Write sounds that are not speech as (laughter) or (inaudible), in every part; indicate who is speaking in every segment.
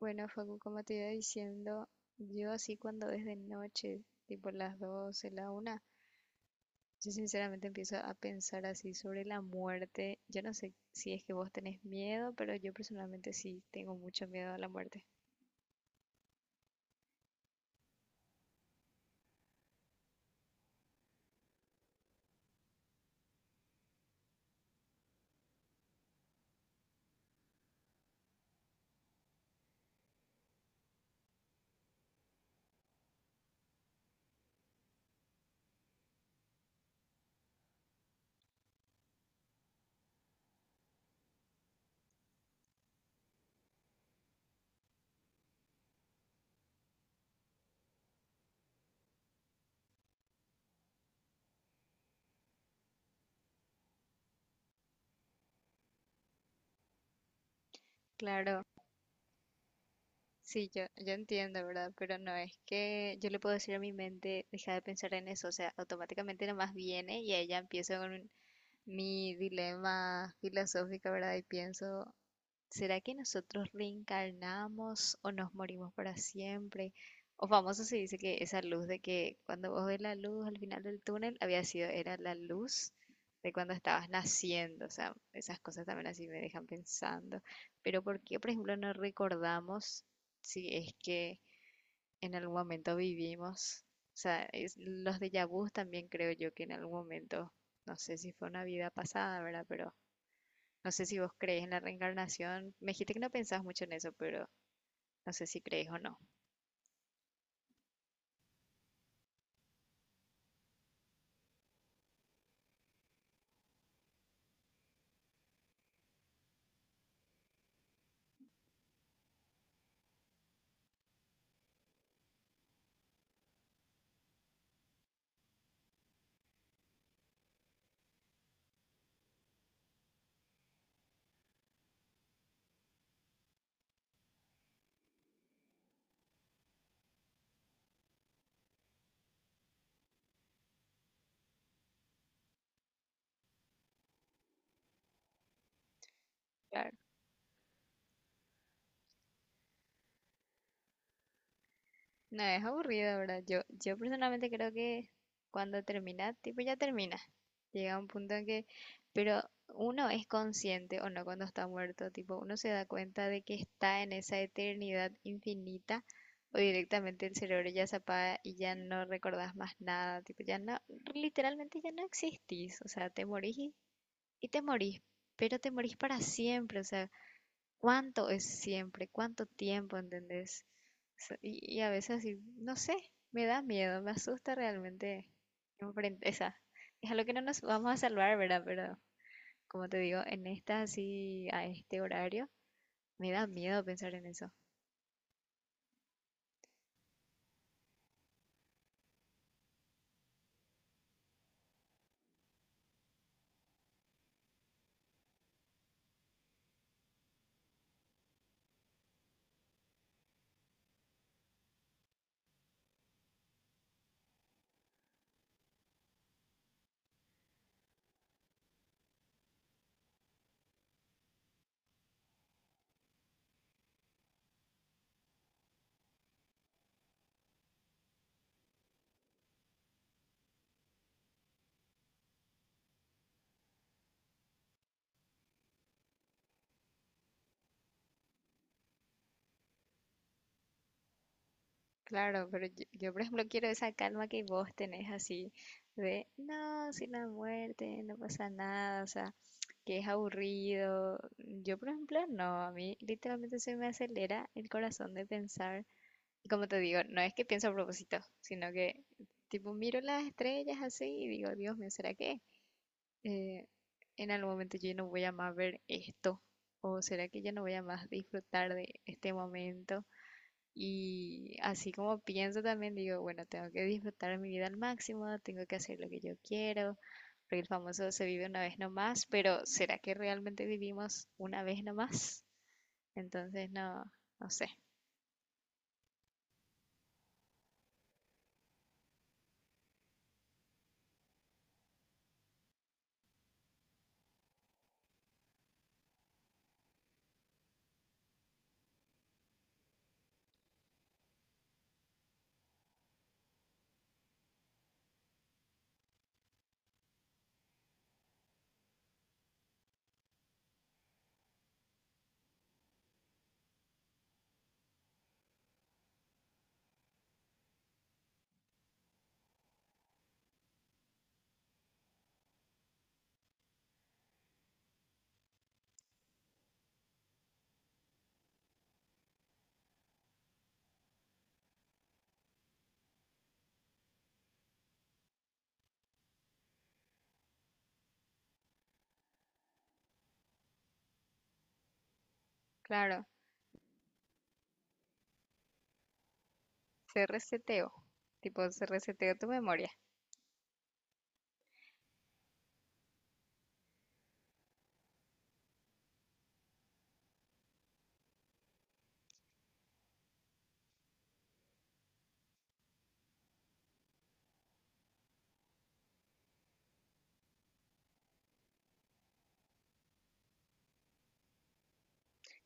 Speaker 1: Bueno, Facu, como te iba diciendo, yo así cuando es de noche, tipo las 12, la una, yo sinceramente empiezo a pensar así sobre la muerte. Yo no sé si es que vos tenés miedo, pero yo personalmente sí tengo mucho miedo a la muerte. Claro, sí, yo entiendo, ¿verdad? Pero no es que yo le puedo decir a mi mente, deja de pensar en eso, o sea, automáticamente nomás viene y ella empieza con mi dilema filosófico, ¿verdad? Y pienso, ¿será que nosotros reencarnamos o nos morimos para siempre? O famoso se dice que esa luz de que cuando vos ves la luz al final del túnel había sido, era la luz de cuando estabas naciendo. O sea, esas cosas también así me dejan pensando. Pero ¿por qué, por ejemplo, no recordamos si es que en algún momento vivimos? O sea, los déjà vus también creo yo que en algún momento, no sé si fue una vida pasada, ¿verdad? Pero no sé si vos crees en la reencarnación. Me dijiste que no pensás mucho en eso, pero no sé si crees o no. Claro. No, es aburrido, ¿verdad? Yo personalmente creo que cuando termina, tipo ya termina. Llega un punto en que, pero uno es consciente o no cuando está muerto, tipo uno se da cuenta de que está en esa eternidad infinita o directamente el cerebro ya se apaga y ya no recordás más nada, tipo ya no, literalmente ya no existís, o sea, te morís y te morís, pero te morís para siempre. O sea, ¿cuánto es siempre? ¿Cuánto tiempo? ¿Entendés? Y a veces así, no sé, me da miedo, me asusta realmente enfrente, esa, es algo que no nos vamos a salvar, ¿verdad? Pero como te digo, en esta así, a este horario, me da miedo pensar en eso. Claro, pero yo, por ejemplo, quiero esa calma que vos tenés así de, no, sin la muerte, no pasa nada, o sea, que es aburrido. Yo, por ejemplo, no, a mí literalmente se me acelera el corazón de pensar. Y como te digo, no es que pienso a propósito, sino que tipo miro las estrellas así y digo, Dios mío, ¿será que eh, en algún momento yo ya no voy a más ver esto? ¿O será que ya no voy a más disfrutar de este momento? Y así como pienso también, digo, bueno, tengo que disfrutar mi vida al máximo, tengo que hacer lo que yo quiero, porque el famoso se vive una vez nomás, pero ¿será que realmente vivimos una vez nomás? Entonces, no, no sé. Claro, se reseteó, tipo se reseteó tu memoria.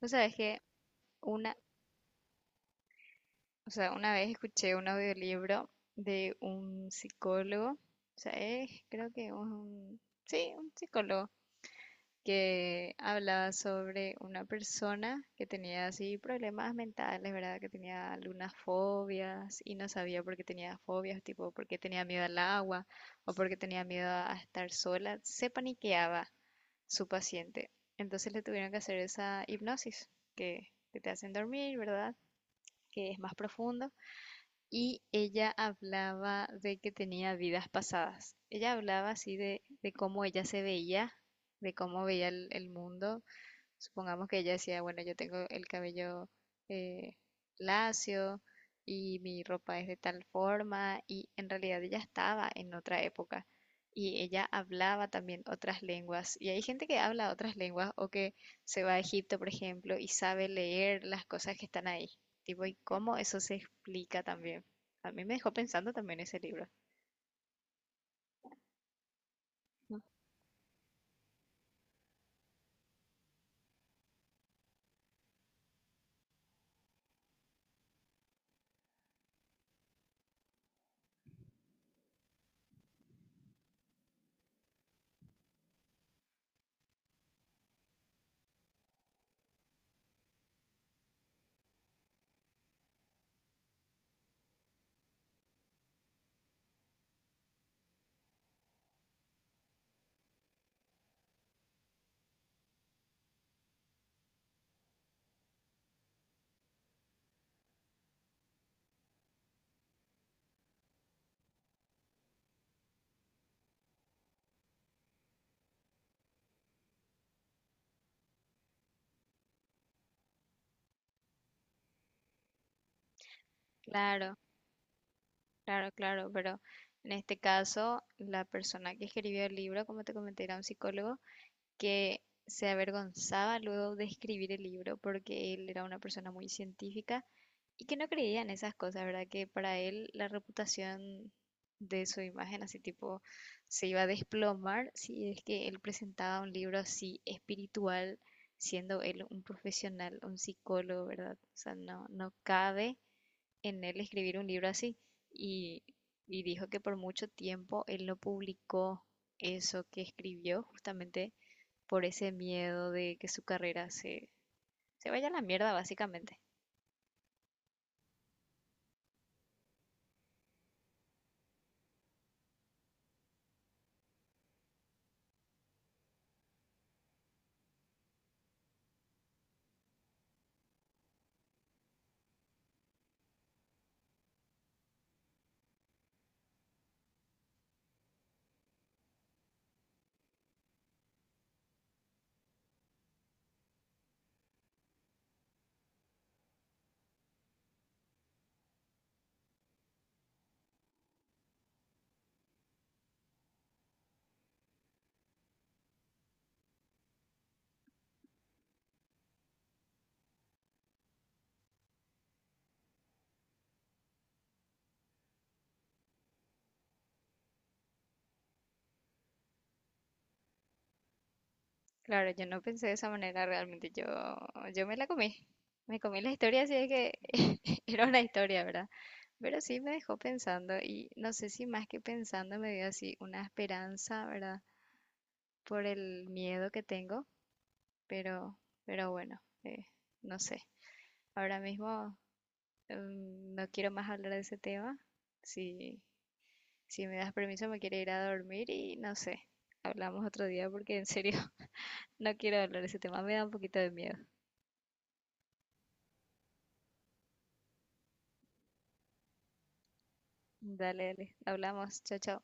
Speaker 1: O sea, es que una, o sea, una vez escuché un audiolibro de un psicólogo, o sea, es, creo que un, sí, un psicólogo que hablaba sobre una persona que tenía así problemas mentales, ¿verdad? Que tenía algunas fobias y no sabía por qué tenía fobias, tipo porque tenía miedo al agua o porque tenía miedo a estar sola, se paniqueaba su paciente. Entonces le tuvieron que hacer esa hipnosis que te hacen dormir, ¿verdad? Que es más profundo. Y ella hablaba de que tenía vidas pasadas. Ella hablaba así de cómo ella se veía, de cómo veía el mundo. Supongamos que ella decía, bueno, yo tengo el cabello eh, lacio y mi ropa es de tal forma, y en realidad ella estaba en otra época, y ella hablaba también otras lenguas, y hay gente que habla otras lenguas o que se va a Egipto, por ejemplo, y sabe leer las cosas que están ahí. Tipo, ¿y cómo eso se explica también? A mí me dejó pensando también ese libro. ¿No? Claro, claro, claro, pero en este caso la persona que escribió el libro, como te comenté, era un psicólogo que se avergonzaba luego de escribir el libro porque él era una persona muy científica y que no creía en esas cosas, ¿verdad? Que para él la reputación de su imagen así tipo se iba a desplomar si es que él presentaba un libro así espiritual, siendo él un profesional, un psicólogo, ¿verdad? O sea, no, no cabe en él escribir un libro así. Y, y dijo que por mucho tiempo él no publicó eso que escribió justamente por ese miedo de que su carrera se vaya a la mierda, básicamente. Claro, yo no pensé de esa manera realmente, yo me la comí, me comí la historia, así es que (laughs) era una historia, ¿verdad? Pero sí me dejó pensando y no sé si más que pensando me dio así una esperanza, ¿verdad? Por el miedo que tengo, pero, pero bueno, no sé. Ahora mismo no quiero más hablar de ese tema. Si Si me das permiso, me quiero ir a dormir y no sé. Hablamos otro día porque en serio (laughs) no quiero hablar de ese tema, me da un poquito de miedo. Dale, dale. Hablamos. Chao, chao.